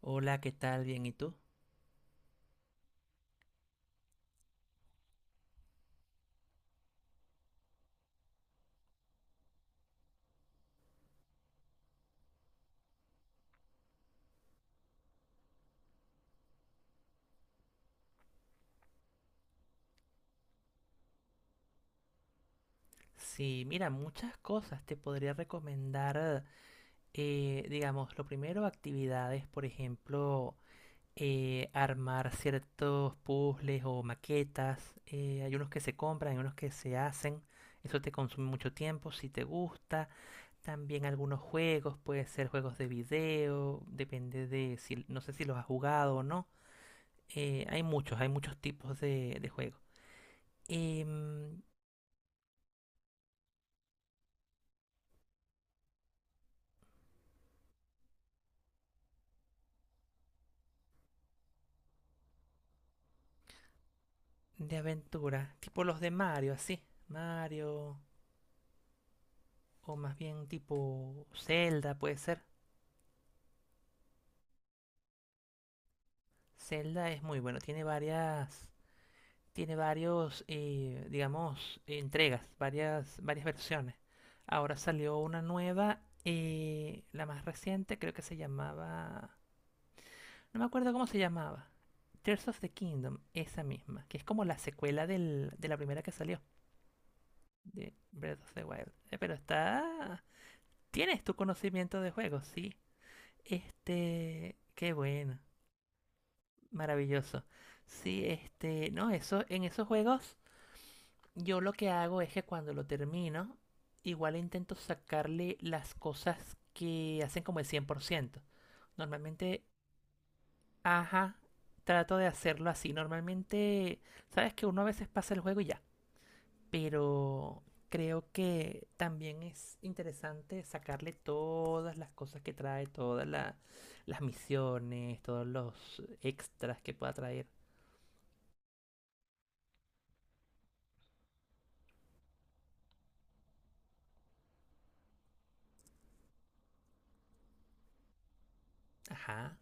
Hola, ¿qué tal? Bien, ¿y tú? Sí, mira, muchas cosas te podría recomendar. Digamos, lo primero, actividades, por ejemplo, armar ciertos puzzles o maquetas. Hay unos que se compran, hay unos que se hacen. Eso te consume mucho tiempo, si te gusta. También algunos juegos, puede ser juegos de video, depende de si, no sé si los has jugado o no. Hay muchos tipos de juegos. Em, de aventura, tipo los de Mario, así. Mario, o más bien tipo Zelda, puede ser. Zelda es muy bueno, tiene varios, digamos, entregas, varias versiones. Ahora salió una nueva, la más reciente, creo que se llamaba, no me acuerdo cómo se llamaba. Tears of the Kingdom, esa misma, que es como la secuela de la primera que salió, de Breath of the Wild. Pero está... Tienes tu conocimiento de juegos, sí. Este, qué bueno, maravilloso. Sí, este, no, eso, en esos juegos yo lo que hago es que cuando lo termino, igual intento sacarle las cosas que hacen como el 100%. Normalmente, ajá, trato de hacerlo así. Normalmente, sabes que uno a veces pasa el juego y ya. Pero creo que también es interesante sacarle todas las cosas que trae, las misiones, todos los extras que pueda traer. Ajá,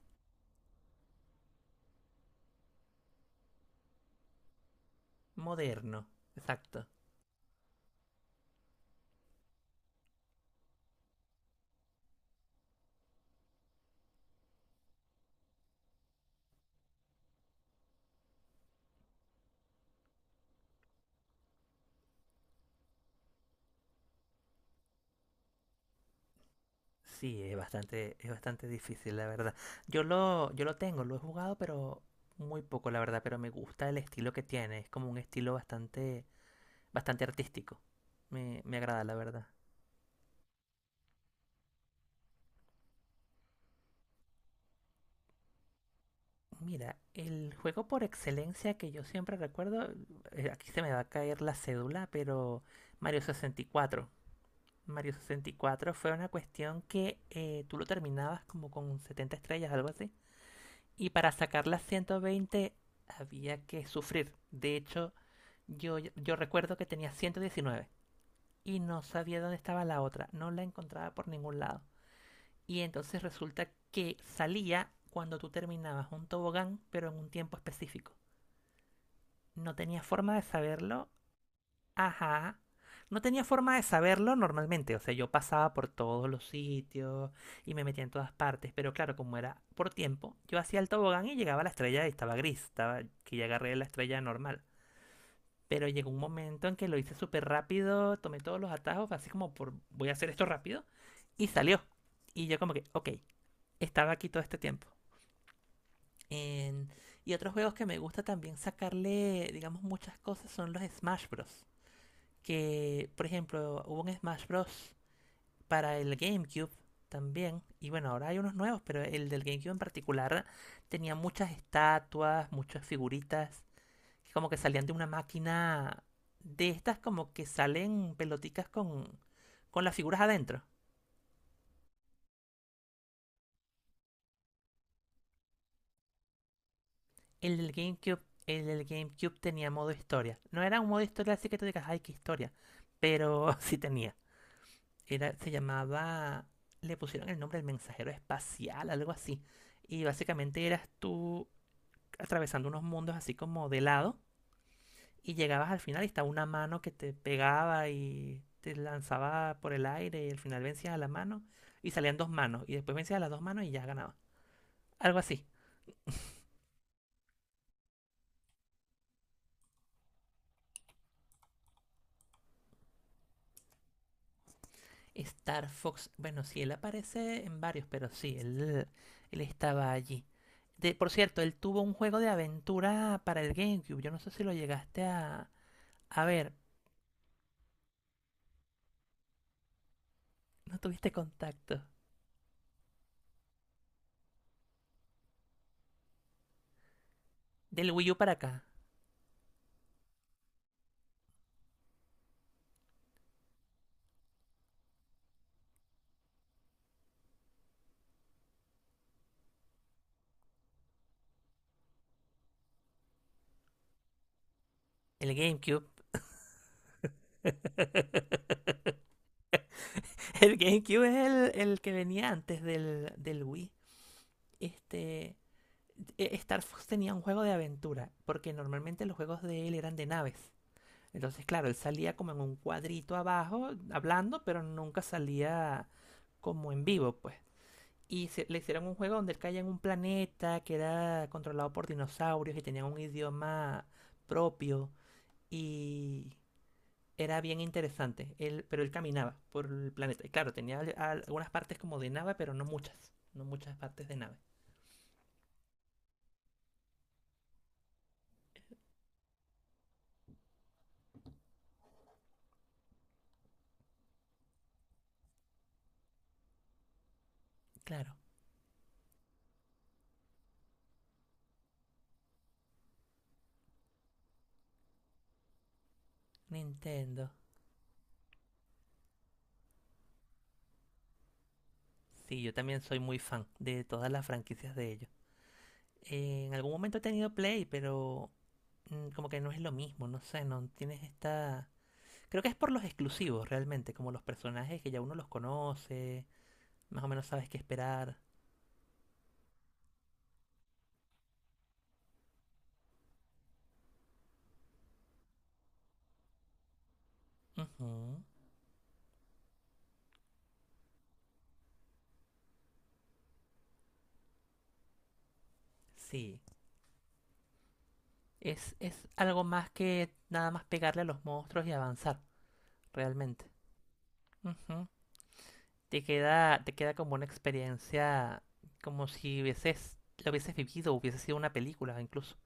moderno, exacto. Sí, es bastante difícil, la verdad. Yo lo tengo, lo he jugado, pero muy poco, la verdad, pero me gusta el estilo que tiene. Es como un estilo bastante, bastante artístico. Me agrada, la verdad. Mira, el juego por excelencia que yo siempre recuerdo, aquí se me va a caer la cédula, pero Mario 64, Mario 64 fue una cuestión que tú lo terminabas como con 70 estrellas, algo así. Y para sacar las 120 había que sufrir. De hecho, yo recuerdo que tenía 119 y no sabía dónde estaba la otra. No la encontraba por ningún lado. Y entonces resulta que salía cuando tú terminabas un tobogán, pero en un tiempo específico. No tenía forma de saberlo. Ajá. No tenía forma de saberlo normalmente. O sea, yo pasaba por todos los sitios y me metía en todas partes. Pero claro, como era por tiempo, yo hacía el tobogán y llegaba a la estrella y estaba gris. Estaba que ya agarré la estrella normal. Pero llegó un momento en que lo hice súper rápido, tomé todos los atajos, así como por voy a hacer esto rápido. Y salió. Y yo como que, ok, estaba aquí todo este tiempo. En- Y otros juegos que me gusta también sacarle, digamos, muchas cosas son los Smash Bros. Que, por ejemplo, hubo un Smash Bros. Para el GameCube también. Y bueno, ahora hay unos nuevos, pero el del GameCube en particular tenía muchas estatuas, muchas figuritas, que como que salían de una máquina de estas como que salen peloticas con las figuras adentro. El del GameCube tenía modo historia. No era un modo historia así que tú digas, ay, qué historia. Pero sí tenía. Era, se llamaba, le pusieron el nombre del mensajero espacial, algo así. Y básicamente eras tú atravesando unos mundos así como de lado y llegabas al final y estaba una mano que te pegaba y te lanzaba por el aire y al final vencías a la mano y salían dos manos y después vencías a las dos manos y ya ganabas. Algo así. Star Fox, bueno, sí, él aparece en varios, pero sí, él estaba allí. De, por cierto, él tuvo un juego de aventura para el GameCube. Yo no sé si lo llegaste a... A ver, no tuviste contacto. Del Wii U para acá. El GameCube. El GameCube es el que venía antes del Wii. Este. Star Fox tenía un juego de aventura, porque normalmente los juegos de él eran de naves. Entonces, claro, él salía como en un cuadrito abajo, hablando, pero nunca salía como en vivo, pues. Y le hicieron un juego donde él caía en un planeta que era controlado por dinosaurios y tenía un idioma propio. Y era bien interesante. Él, pero él caminaba por el planeta. Y claro, tenía algunas partes como de nave, pero no muchas. No muchas partes de nave. Claro, Nintendo. Sí, yo también soy muy fan de todas las franquicias de ellos. En algún momento he tenido Play, pero como que no es lo mismo, no sé, no tienes esta... Creo que es por los exclusivos realmente, como los personajes que ya uno los conoce, más o menos sabes qué esperar. Ujú. Sí, es algo más que nada más pegarle a los monstruos y avanzar. Realmente. Ujú. Te queda como una experiencia, como si lo hubieses vivido, hubiese sido una película incluso.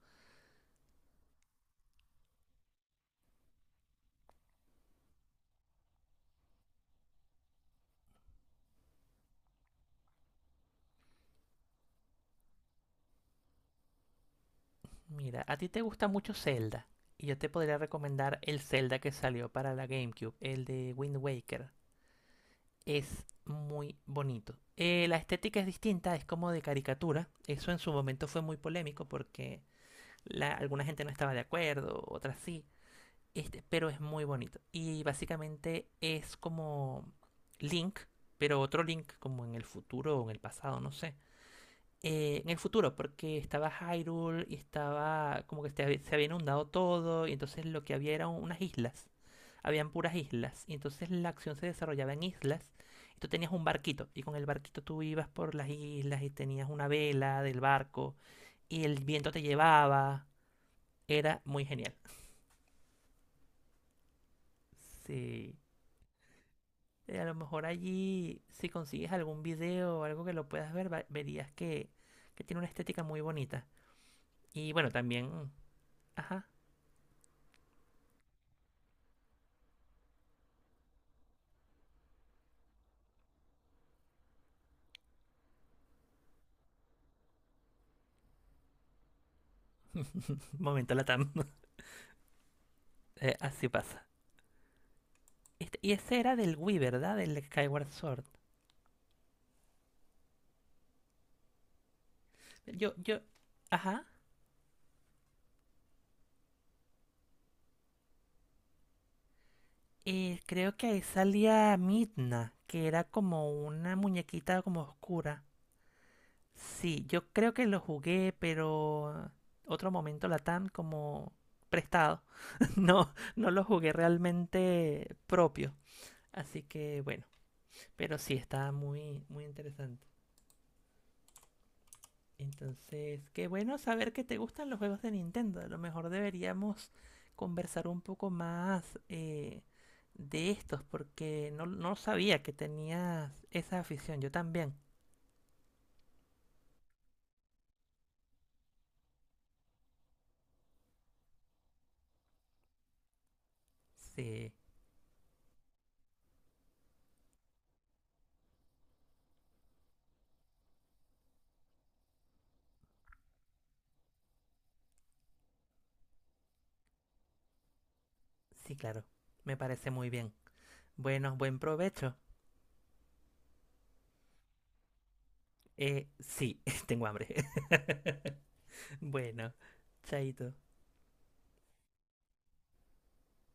Mira, a ti te gusta mucho Zelda, y yo te podría recomendar el Zelda que salió para la GameCube, el de Wind Waker. Es muy bonito. La estética es distinta, es como de caricatura. Eso en su momento fue muy polémico porque alguna gente no estaba de acuerdo, otras sí. Este, pero es muy bonito. Y básicamente es como Link, pero otro Link, como en el futuro o en el pasado, no sé. En el futuro, porque estaba Hyrule y estaba como que se había inundado todo, y entonces lo que había eran unas islas. Habían puras islas, y entonces la acción se desarrollaba en islas. Y tú tenías un barquito, y con el barquito tú ibas por las islas y tenías una vela del barco, y el viento te llevaba. Era muy genial. Sí. A lo mejor allí, si consigues algún video o algo que lo puedas ver, verías que tiene una estética muy bonita. Y bueno, también... Ajá. Momento Latam. Así pasa. Y ese era del Wii, ¿verdad? Del Skyward Sword. Yo... Ajá. Creo que ahí salía Midna, que era como una muñequita como oscura. Sí, yo creo que lo jugué, pero otro momento Latam como prestado. No, no lo jugué realmente propio. Así que bueno, pero sí está muy, muy interesante. Entonces, qué bueno saber que te gustan los juegos de Nintendo. A lo mejor deberíamos conversar un poco más de estos, porque no, no sabía que tenías esa afición. Yo también. Sí, sí, claro. Me parece muy bien. Bueno, buen provecho. Sí, tengo hambre. Bueno, chaito.